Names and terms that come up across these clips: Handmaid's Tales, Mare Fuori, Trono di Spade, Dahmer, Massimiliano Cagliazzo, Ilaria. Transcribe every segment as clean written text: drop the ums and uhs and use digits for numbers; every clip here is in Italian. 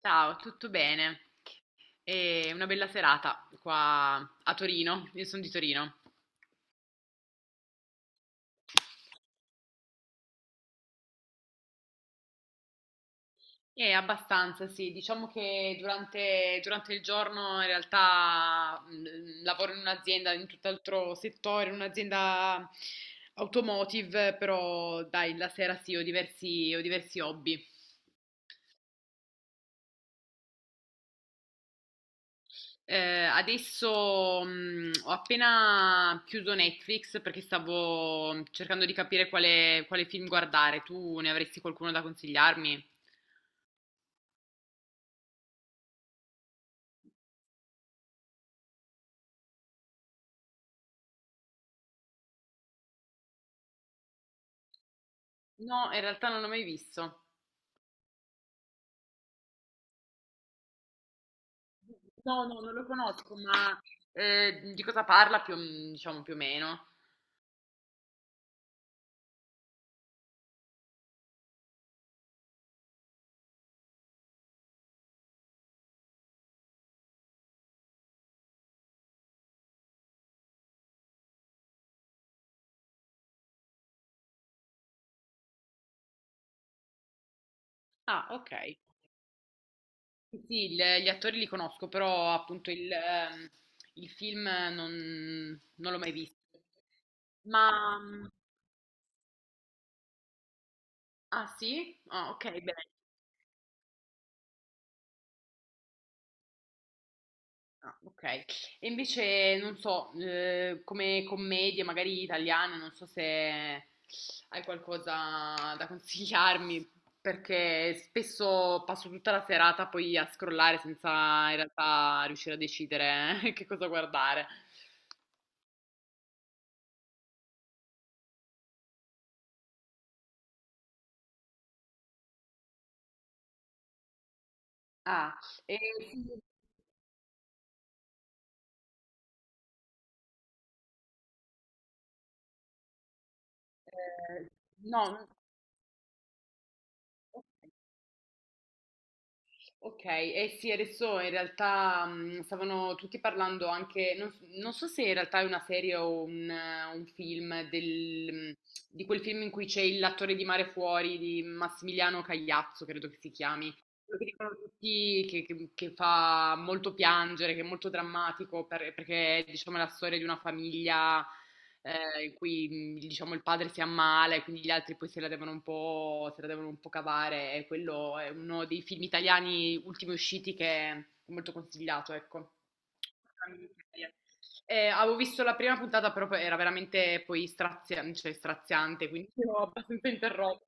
Ciao, tutto bene? È una bella serata qua a Torino, io sono di Torino. E abbastanza, sì, diciamo che durante il giorno in realtà lavoro in un'azienda, in tutt'altro settore, in un'azienda automotive, però dai, la sera sì, ho diversi hobby. Adesso, ho appena chiuso Netflix perché stavo cercando di capire quale film guardare. Tu ne avresti qualcuno da consigliarmi? No, in realtà non l'ho mai visto. No, no, non lo conosco, ma, di cosa parla più diciamo più o meno? Ah, okay. Sì, sì, il gli attori li conosco, però appunto il film non l'ho mai visto. Ma mhmm, ah sì? Ah, okay, bene. Ah, ok. E invece, non so, come commedie, magari italiane, non so se hai qualcosa da consigliarmi, perché spesso passo tutta la serata poi a scrollare senza in realtà riuscire a decidere che cosa guardare. Ah, e sì, eh, no, ok. Ok, eh sì, adesso in realtà stavano tutti parlando anche, non, non so se in realtà è una serie o un film, di quel film in cui c'è l'attore di Mare Fuori di Massimiliano Cagliazzo, credo che si chiami, quello che dicono tutti che fa molto piangere, che è molto drammatico perché è diciamo la storia di una famiglia in cui diciamo il padre si ammala e quindi gli altri poi se la devono un po', se la devono un po' cavare. E quello è uno dei film italiani ultimi usciti che è molto consigliato, ecco. Avevo visto la prima puntata, però poi era veramente poi cioè, straziante, quindi ero abbastanza interrotta.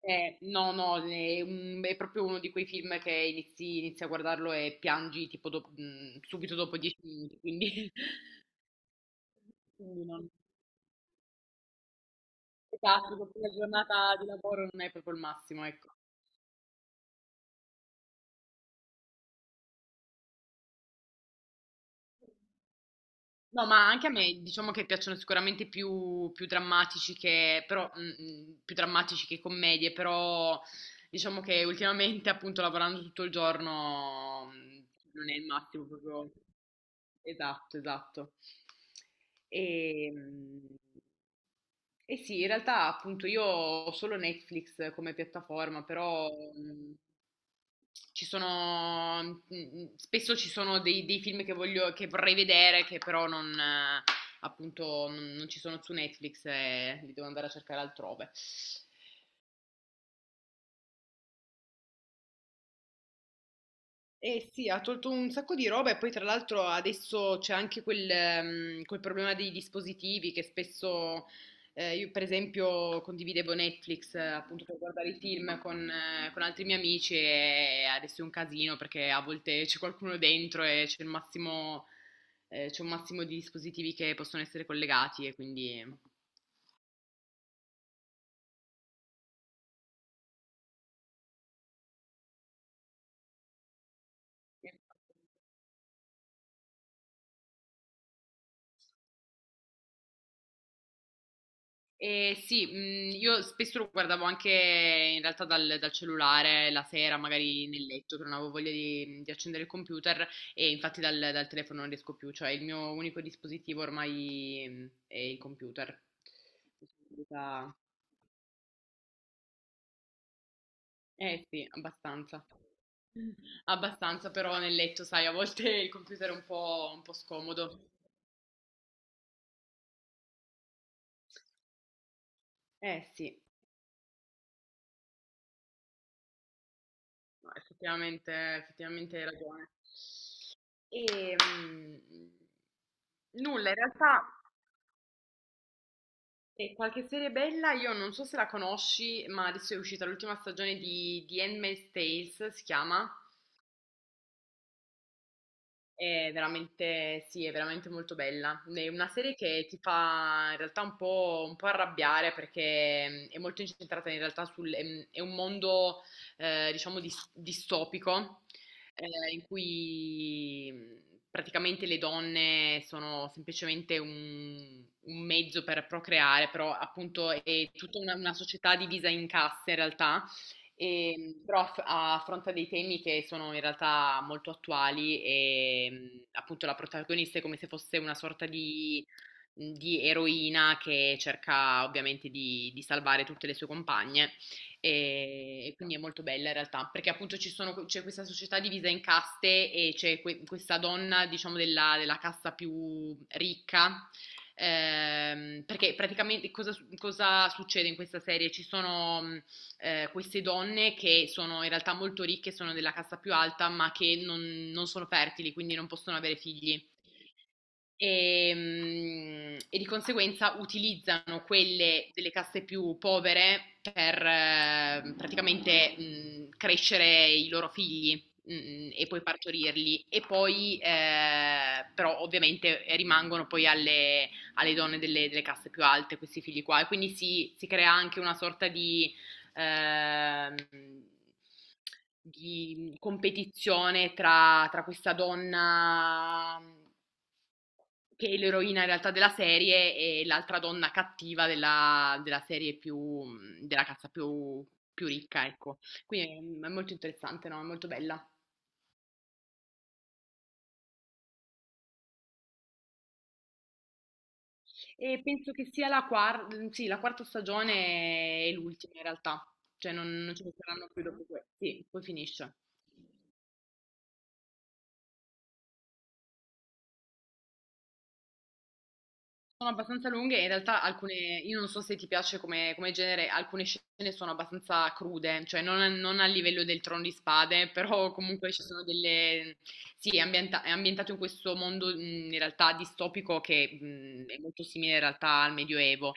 No, no, è proprio uno di quei film che inizi a guardarlo e piangi tipo subito dopo 10 minuti, quindi, quindi no. Esatto, dopo una giornata di lavoro non è proprio il massimo, ecco. No, ma anche a me diciamo che piacciono più drammatici che, però, più drammatici che commedie, però diciamo che ultimamente appunto lavorando tutto il giorno non è il massimo proprio. Esatto, esatto. E, e sì, in realtà appunto io ho solo Netflix come piattaforma, però mm, ci sono spesso ci sono dei film che vorrei vedere che però non appunto, non ci sono su Netflix e li devo andare a cercare altrove. Eh sì, ha tolto un sacco di roba e poi tra l'altro adesso c'è anche quel problema dei dispositivi che spesso io per esempio condividevo Netflix appunto per guardare i film con altri miei amici e adesso è un casino perché a volte c'è qualcuno dentro c'è un massimo di dispositivi che possono essere collegati e quindi... sì, io spesso lo guardavo anche in realtà dal cellulare la sera, magari nel letto, che non avevo voglia di accendere il computer e infatti dal telefono non riesco più, cioè il mio unico dispositivo ormai è il computer. Possibilità- Eh sì, abbastanza. Abbastanza, però nel letto, sai, a volte il computer è un po' scomodo. Eh sì, no, effettivamente hai ragione. E nulla, in realtà qualche serie bella, io non so se la conosci, ma adesso è uscita l'ultima stagione di Handmaid's Tales, si chiama. È veramente molto bella. È una serie che ti fa in realtà un po' arrabbiare perché è molto incentrata in realtà sul... è un mondo, diciamo, distopico, in cui praticamente le donne sono semplicemente un mezzo per procreare, però appunto è una società divisa in caste in realtà e, però affronta dei temi che sono in realtà molto attuali e appunto la protagonista è come se fosse una sorta di, di eroina che cerca ovviamente di salvare tutte le sue compagne e quindi è molto bella in realtà perché appunto c'è questa società divisa in caste e c'è questa donna diciamo della casta più ricca. Perché praticamente cosa succede in questa serie? Ci sono queste donne che sono in realtà molto ricche, sono della casta più alta, ma che non, non sono fertili, quindi non possono avere figli. E, e di conseguenza utilizzano quelle delle caste più povere per praticamente crescere i loro figli e poi partorirli e poi però ovviamente rimangono poi alle donne delle caste più alte questi figli qua e quindi si crea anche una sorta ehm, di competizione tra questa donna che è l'eroina in realtà della serie e l'altra donna cattiva della serie della cazza più ricca, ecco. Quindi è molto interessante, no? È molto bella. E penso che sia sì, la quarta stagione e l'ultima in realtà, cioè non, non ce ne saranno più dopo questo. Sì, poi finisce. Sono abbastanza lunghe, in realtà alcune, io non so se ti piace come genere, alcune scene sono abbastanza crude, cioè non, a non a livello del Trono di Spade, però comunque ci sono delle... Sì, è ambientato in questo mondo in realtà distopico che è molto simile in realtà al Medioevo,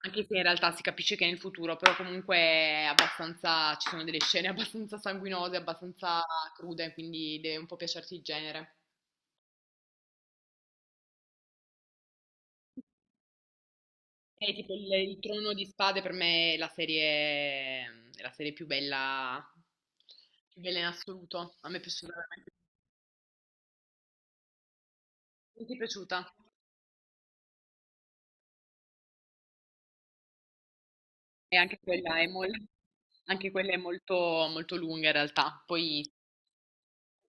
anche se in realtà si capisce che è nel futuro, però comunque è abbastanza, ci sono delle scene abbastanza sanguinose, abbastanza crude, quindi deve un po' piacerti il genere. Tipo il Trono di Spade per me è la serie più bella in assoluto. A me è piaciuta veramente. Non ti è piaciuta? E anche anche quella è molto, molto lunga in realtà. Poi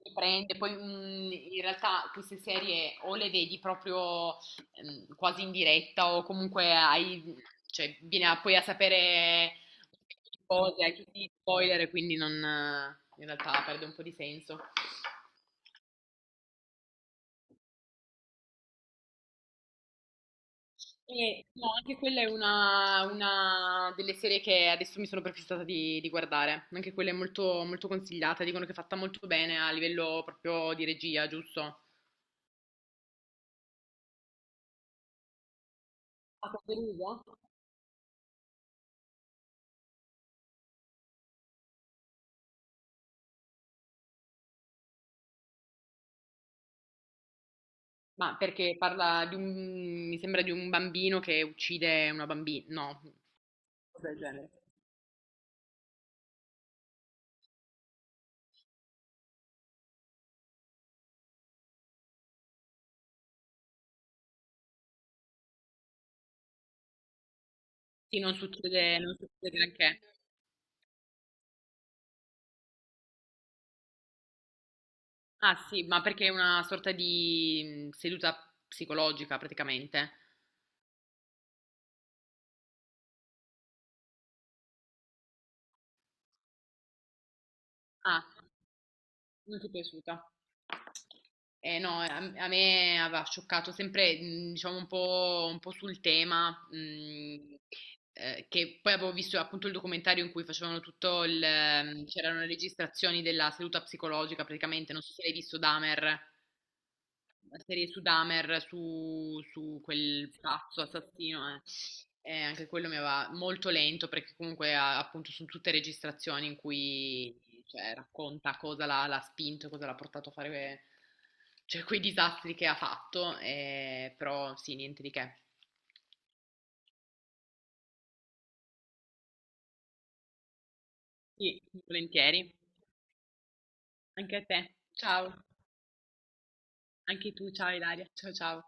ti prende, poi in realtà queste serie o le vedi proprio quasi in diretta o comunque hai, poi a sapere cose, anche di spoiler, quindi non, in realtà perde un po' di senso. E no, anche quella è una delle serie che adesso mi sono prefissata di guardare. Anche quella è molto, molto consigliata, dicono che è fatta molto bene a livello proprio di regia, giusto? A Capoluogo? Ma perché parla di un, mi sembra di un bambino che uccide una bambina, no, cosa del genere. Sì, non succede, non succede granché. Ah sì, ma perché è una sorta di seduta psicologica praticamente. Ah. Non ti è piaciuta? Eh no, a me aveva scioccato sempre, diciamo, un po' sul tema, che poi avevo visto appunto il documentario in cui facevano tutto c'erano le registrazioni della seduta psicologica praticamente, non so se l'hai visto Dahmer, la serie su Dahmer, su quel pazzo assassino, eh. E anche quello mi aveva molto lento perché comunque appunto sono tutte registrazioni in cui cioè, racconta cosa l'ha spinto, cosa l'ha portato a fare cioè, quei disastri che ha fatto, però sì, niente di che. Sì, volentieri. Anche a te. Ciao. Anche tu, ciao Ilaria. Ciao ciao.